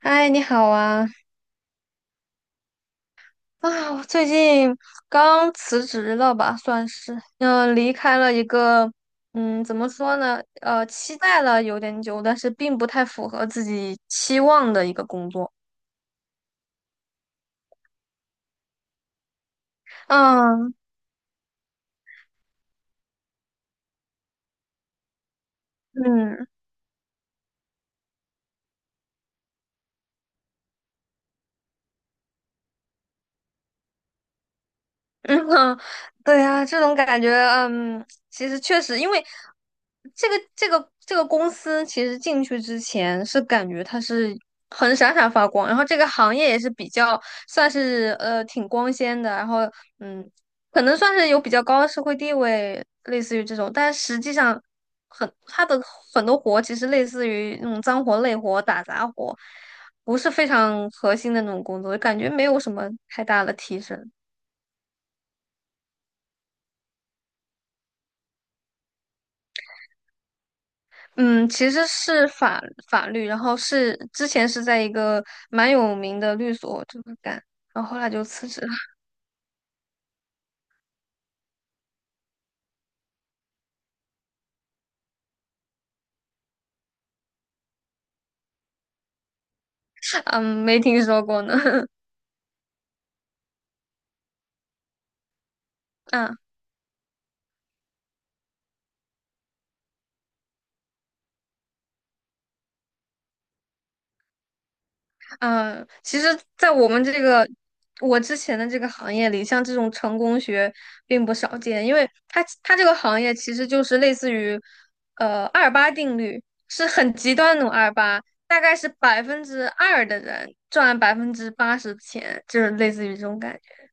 嗨，你好啊！啊，我最近刚辞职了吧，算是，离开了一个，嗯，怎么说呢？期待了有点久，但是并不太符合自己期望的一个工作。嗯嗯，嗯，哼，对呀，这种感觉，嗯，其实确实，因为这个公司，其实进去之前是感觉它是很闪闪发光，然后这个行业也是比较算是挺光鲜的，然后嗯，可能算是有比较高的社会地位，类似于这种，但实际上很它的很多活其实类似于那种脏活累活、打杂活，不是非常核心的那种工作，感觉没有什么太大的提升。嗯，其实是法律，然后是之前是在一个蛮有名的律所这么干，然后后来就辞职了。嗯，没听说过呢。嗯嗯，其实，在我们这个我之前的这个行业里，像这种成功学并不少见，因为它这个行业其实就是类似于二八定律，是很极端的二八，大概是2%的人赚80%的钱，就是类似于这种感觉。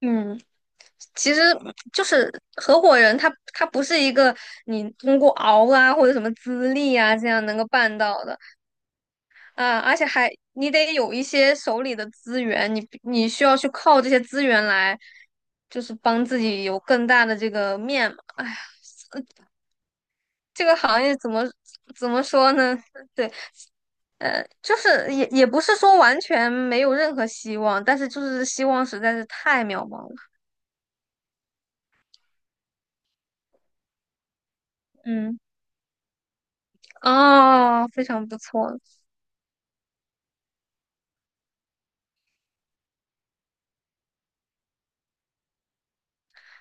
嗯。其实就是合伙人他，他不是一个你通过熬啊或者什么资历啊这样能够办到的啊，而且还你得有一些手里的资源，你需要去靠这些资源来，就是帮自己有更大的这个面嘛。哎呀，这个行业怎么说呢？对，呃，就是也不是说完全没有任何希望，但是就是希望实在是太渺茫了。嗯，哦，非常不错。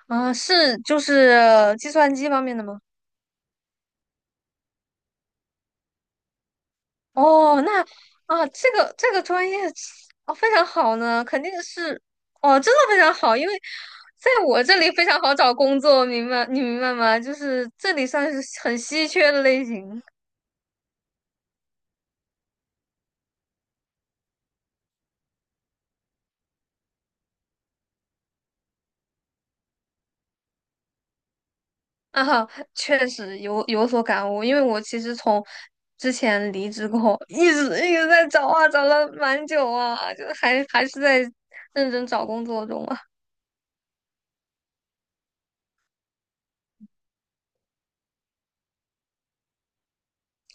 啊，是就是计算机方面的吗？哦，那啊，这个专业哦非常好呢，肯定是哦，真的非常好，因为在我这里非常好找工作，明白你明白吗？就是这里算是很稀缺的类型啊，确实有有所感悟，因为我其实从之前离职过后，一直在找啊，找了蛮久啊，就还是在认真找工作中啊，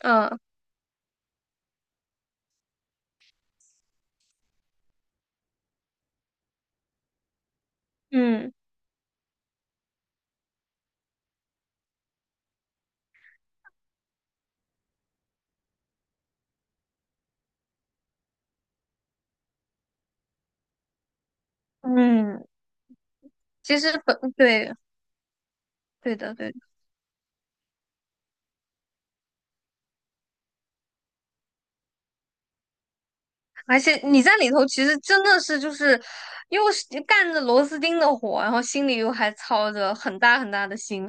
嗯嗯。嗯其实本对对的对的而且你在里头其实真的是就是又是干着螺丝钉的活，然后心里又还操着很大很大的心。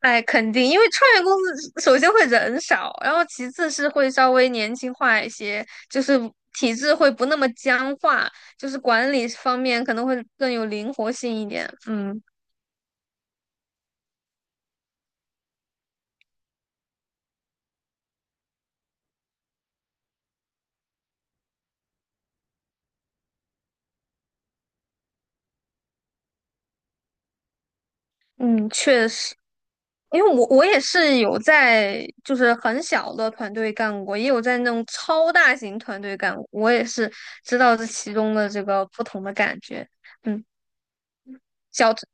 哎，肯定，因为创业公司首先会人少，然后其次是会稍微年轻化一些，就是体制会不那么僵化，就是管理方面可能会更有灵活性一点。嗯。嗯，确实。因为我也是有在就是很小的团队干过，也有在那种超大型团队干过，我也是知道这其中的这个不同的感觉。嗯，小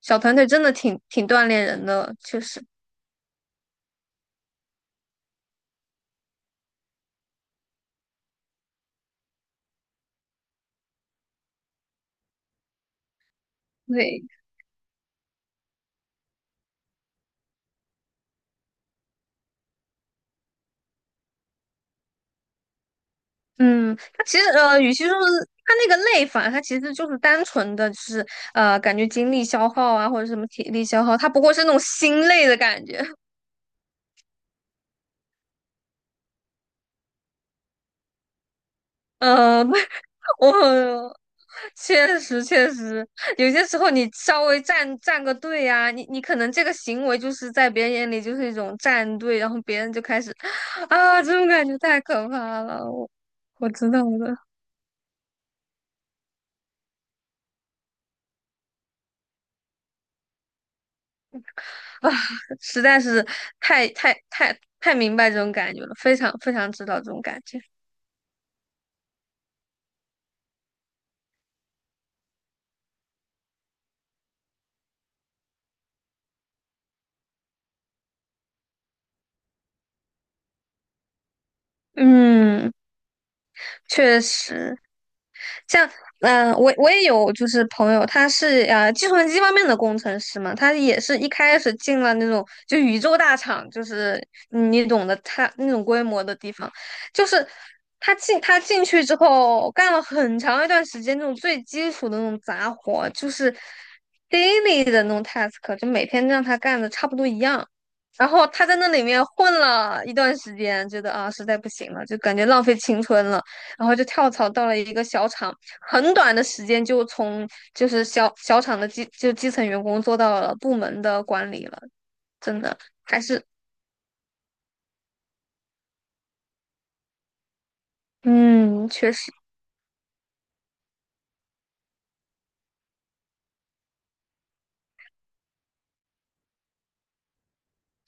小团队真的挺锻炼人的，确实。对，嗯，它其实呃，与其说是它那个累法，它其实就是单纯的，就是呃，感觉精力消耗啊，或者什么体力消耗，它不过是那种心累的感觉。呃，我确实，有些时候你稍微站个队啊，你可能这个行为就是在别人眼里就是一种站队，然后别人就开始啊，这种感觉太可怕了。我知道的啊，实在是太明白这种感觉了，非常知道这种感觉。嗯，确实。像我也有就是朋友，他是计算机方面的工程师嘛，他也是一开始进了那种就宇宙大厂，就是嗯你懂得他那种规模的地方，就是他进去之后干了很长一段时间那种最基础的那种杂活，就是 daily 的那种 task，就每天让他干的差不多一样。然后他在那里面混了一段时间，觉得啊实在不行了，就感觉浪费青春了，然后就跳槽到了一个小厂，很短的时间就从就是小小厂的基就基层员工做到了部门的管理了，真的还是嗯，确实，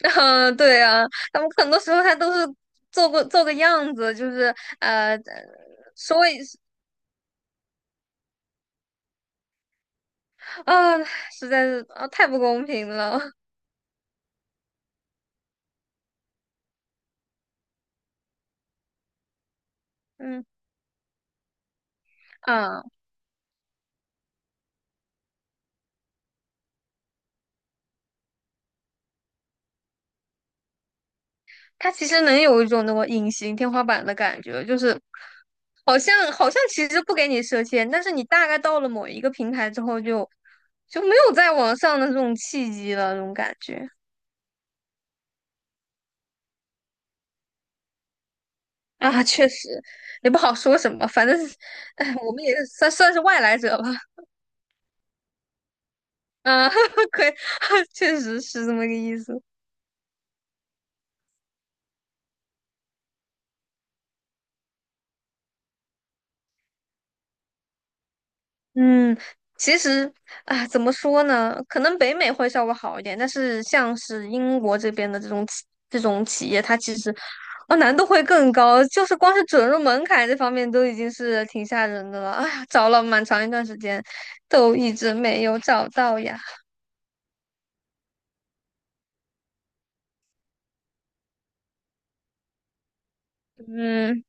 啊，对啊，他们很多时候他都是做个样子，就是呃，所以啊，实在是啊，太不公平了，嗯啊。它其实能有一种那种隐形天花板的感觉，就是好像其实不给你设限，但是你大概到了某一个平台之后就，就没有再往上的这种契机了，这种感觉啊，确实也不好说什么，反正哎，我们也算是外来者吧，啊，可以，确实是这么个意思。嗯，其实啊，怎么说呢？可能北美会稍微好一点，但是像是英国这边的这种这种企业，它其实啊难度会更高，就是光是准入门槛这方面都已经是挺吓人的了。哎呀，找了蛮长一段时间，都一直没有找到呀。嗯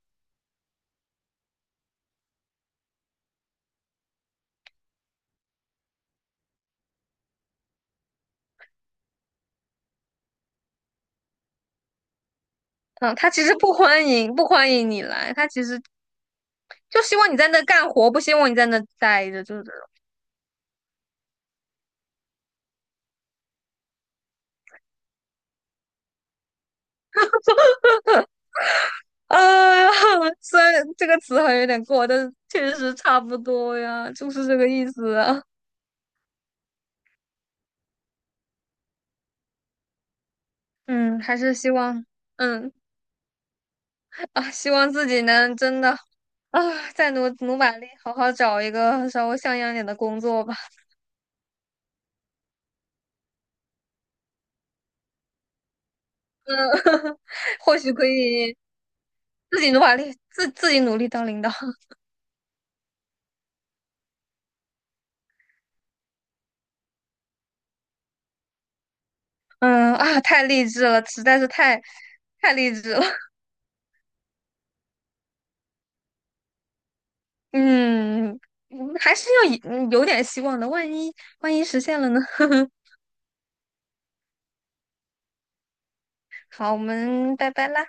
啊，他其实不欢迎你来，他其实就希望你在那干活，不希望你在那待着，就是呃，虽然这个词好像有点过，但是确实差不多呀，就是这个意思啊。嗯，还是希望，嗯啊，希望自己能真的啊，再努努把力，好好找一个稍微像样点的工作吧。或许可以自己努把力，自己努力当领导。嗯啊，太励志了，实在是太励志了。嗯，嗯还是要以嗯有点希望的，万一实现了呢？好，我们拜拜啦。